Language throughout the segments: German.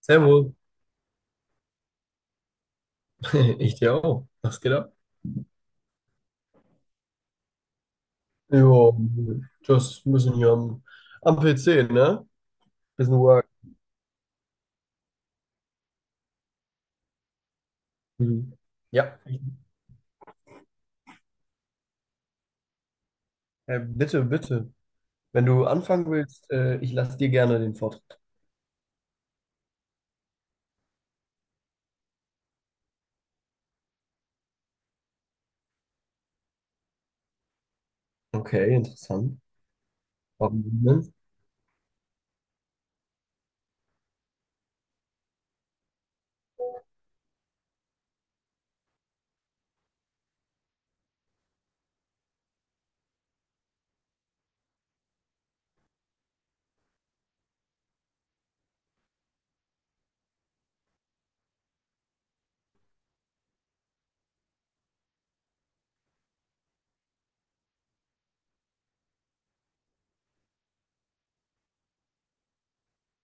Servus, ich dir auch. Was geht ab? Ja, just ein bisschen hier am PC, ne? Bisschen Work. Mhm. Ja, bitte, bitte. Wenn du anfangen willst, ich lasse dir gerne den Vortritt. Okay, interessant. Warum Siemens?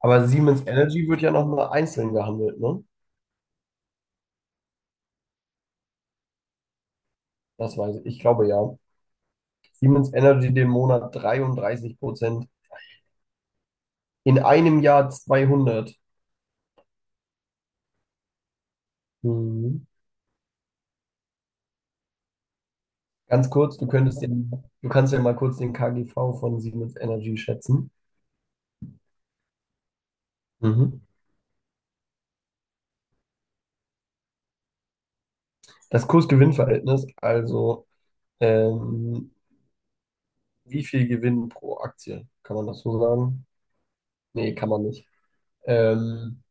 Aber Siemens Energy wird ja nochmal einzeln gehandelt, ne? Das weiß ich. Ich glaube ja. Siemens Energy den Monat 33%. In einem Jahr 200. Mhm. Ganz kurz, du könntest den, du kannst ja mal kurz den KGV von Siemens Energy schätzen. Mhm. Das Kursgewinnverhältnis, also ähm, wie viel Gewinn pro Aktie? Kann man das so sagen? Nee, kann man nicht. Ähm,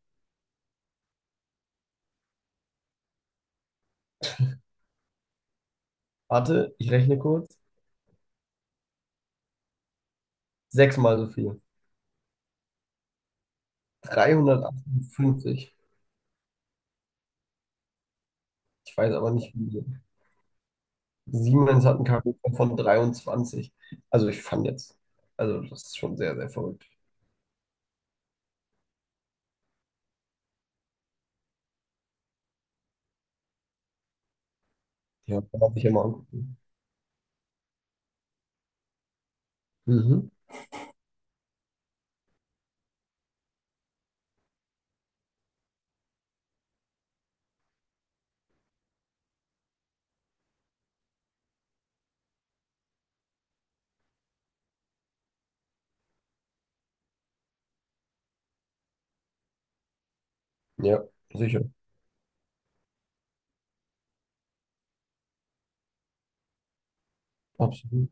warte, ich rechne kurz. Sechsmal so viel. 358. Ich weiß aber nicht, wie viel. Siemens hat einen KGV von 23. Also ich fand jetzt, also das ist schon sehr, sehr verrückt. Ja, kann man sich ja mal angucken. Mhm. Ja, sicher. Absolut.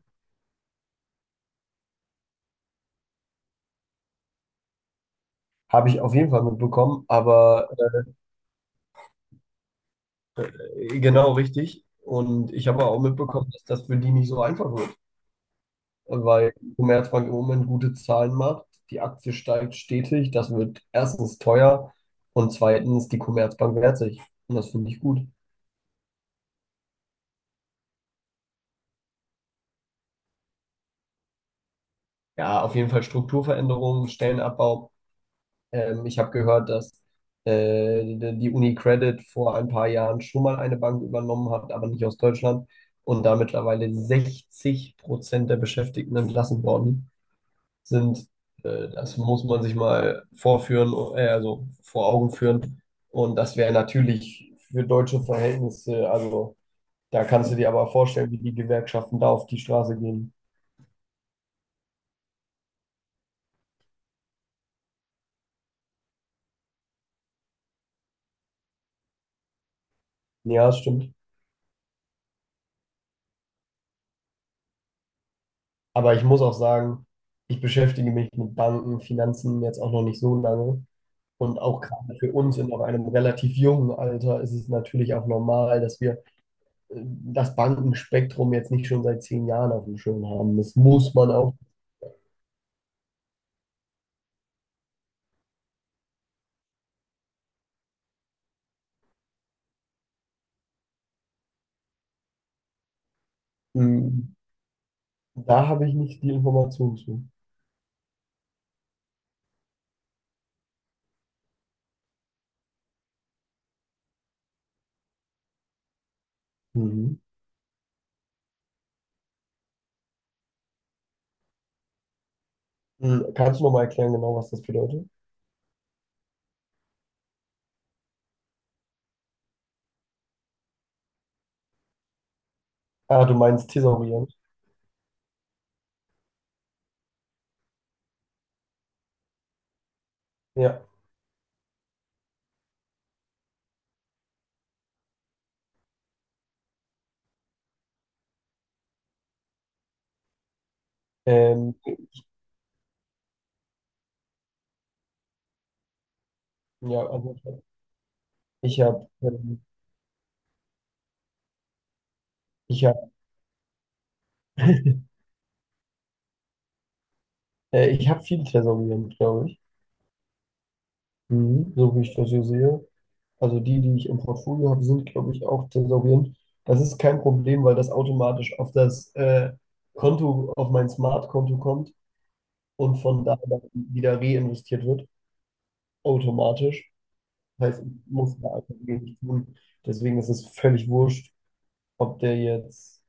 Habe ich auf jeden Fall mitbekommen, aber genau richtig. Und ich habe auch mitbekommen, dass das für die nicht so einfach wird, weil die Commerzbank im Moment gute Zahlen macht, die Aktie steigt stetig, das wird erstens teuer und zweitens die Commerzbank wehrt sich. Und das finde ich gut. Ja, auf jeden Fall Strukturveränderungen, Stellenabbau. Ich habe gehört, dass die UniCredit vor ein paar Jahren schon mal eine Bank übernommen hat, aber nicht aus Deutschland. Und da mittlerweile 60% der Beschäftigten entlassen worden sind. Das muss man sich mal vorführen, also vor Augen führen. Und das wäre natürlich für deutsche Verhältnisse, also da kannst du dir aber vorstellen, wie die Gewerkschaften da auf die Straße gehen. Ja, das stimmt. Aber ich muss auch sagen, ich beschäftige mich mit Banken, Finanzen jetzt auch noch nicht so lange. Und auch gerade für uns in noch einem relativ jungen Alter ist es natürlich auch normal, dass wir das Bankenspektrum jetzt nicht schon seit 10 Jahren auf dem Schirm haben. Das muss man auch. Mhm. Da habe ich nicht die Information zu. Mhm. Mhm. Kannst du nochmal erklären, genau, was das bedeutet? Ah, du meinst thesaurieren. Ja. Ähm, ja, also ich habe ich hab, ich hab viel thesaurieren, glaube ich. Mhm. So wie ich das hier sehe. Also die, die ich im Portfolio habe, sind, glaube ich, auch thesaurierend. Das ist kein Problem, weil das automatisch auf das Konto, auf mein Smart-Konto kommt und von da dann wieder reinvestiert wird, automatisch. Das heißt, ich muss da einfach wenig tun. Deswegen ist es völlig wurscht, ob der jetzt,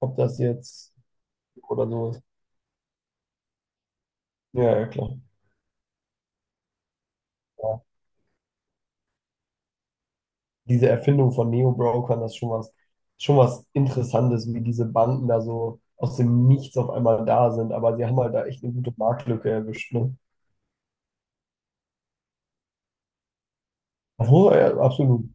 ob das jetzt oder so ist. Ja, ja, klar. Diese Erfindung von Neo-Brokern, das ist schon was Interessantes, wie diese Banden da so aus dem Nichts auf einmal da sind. Aber sie haben halt da echt eine gute Marktlücke erwischt. Ne? Obwohl, ja, absolut.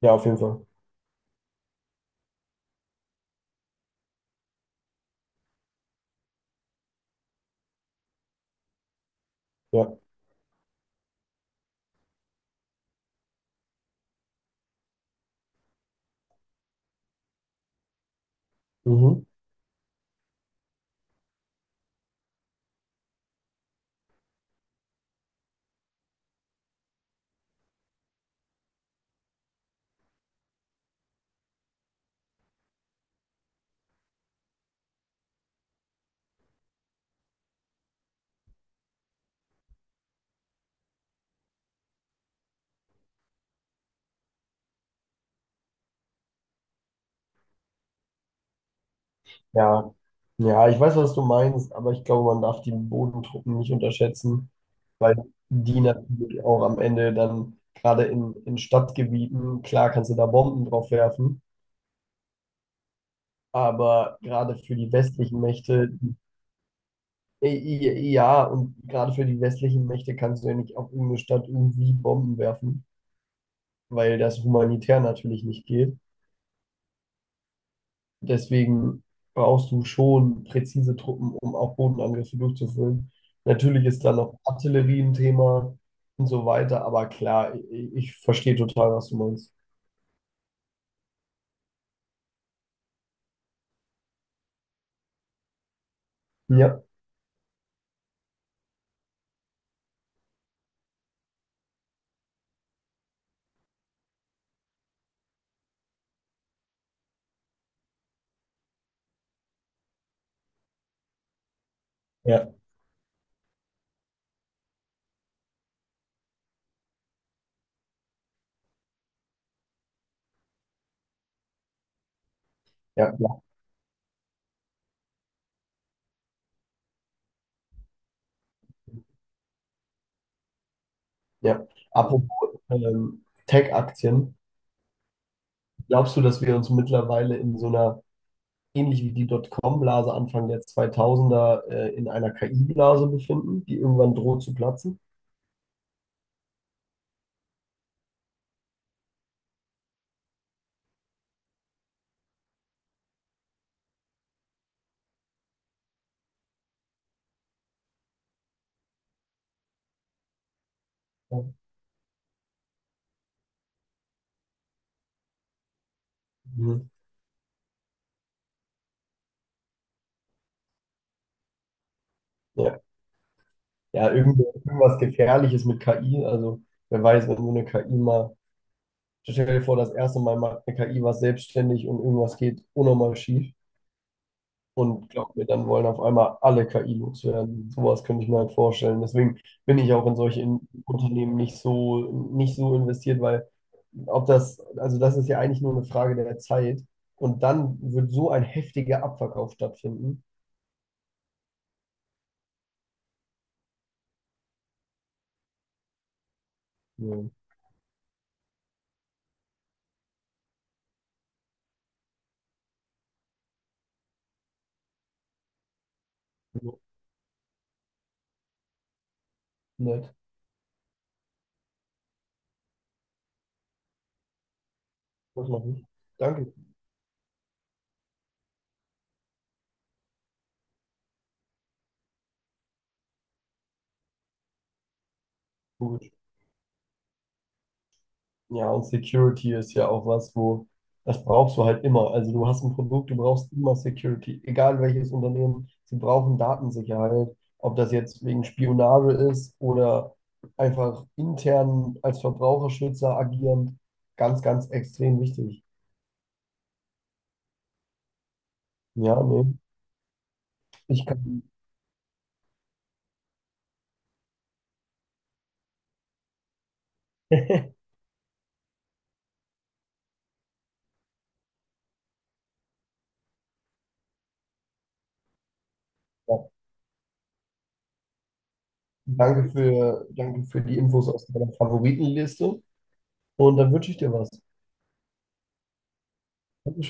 Ja, auf jeden Fall. Ja. Mhm. Ja. Ja, ich weiß, was du meinst, aber ich glaube, man darf die Bodentruppen nicht unterschätzen, weil die natürlich auch am Ende dann gerade in Stadtgebieten, klar kannst du da Bomben drauf werfen, aber gerade für die westlichen Mächte. Ja, und gerade für die westlichen Mächte kannst du ja nicht auf irgendeine Stadt irgendwie Bomben werfen, weil das humanitär natürlich nicht geht. Deswegen brauchst du schon präzise Truppen, um auch Bodenangriffe durchzuführen. Natürlich ist da noch Artillerie ein Thema und so weiter, aber klar, ich verstehe total, was du meinst. Ja, ja. Ja, ja, ja. Apropos Tech-Aktien, glaubst du, dass wir uns mittlerweile in so einer ähnlich wie die Dotcom-Blase Anfang der 2000er in einer KI-Blase befinden, die irgendwann droht zu platzen? Ja, mhm. Ja. Irgendwas Gefährliches mit KI. Also wer weiß, wenn so eine KI mal, stell dir vor, das erste Mal macht eine KI was selbstständig und irgendwas geht unnormal schief. Und glaub mir, dann wollen auf einmal alle KI loswerden. Sowas könnte ich mir halt vorstellen. Deswegen bin ich auch in solche Unternehmen nicht so investiert, weil ob das, also das ist ja eigentlich nur eine Frage der Zeit. Und dann wird so ein heftiger Abverkauf stattfinden. Ja. So, nett. Das mache ich. Danke. Cool. Ja, und Security ist ja auch was, wo das brauchst du halt immer. Also du hast ein Produkt, du brauchst immer Security, egal welches Unternehmen, sie brauchen Datensicherheit, ob das jetzt wegen Spionage ist oder einfach intern als Verbraucherschützer agierend, ganz, ganz extrem wichtig. Ja, nee, ich kann. Ja, danke für die Infos aus deiner Favoritenliste und dann wünsche ich dir was. Dankeschön.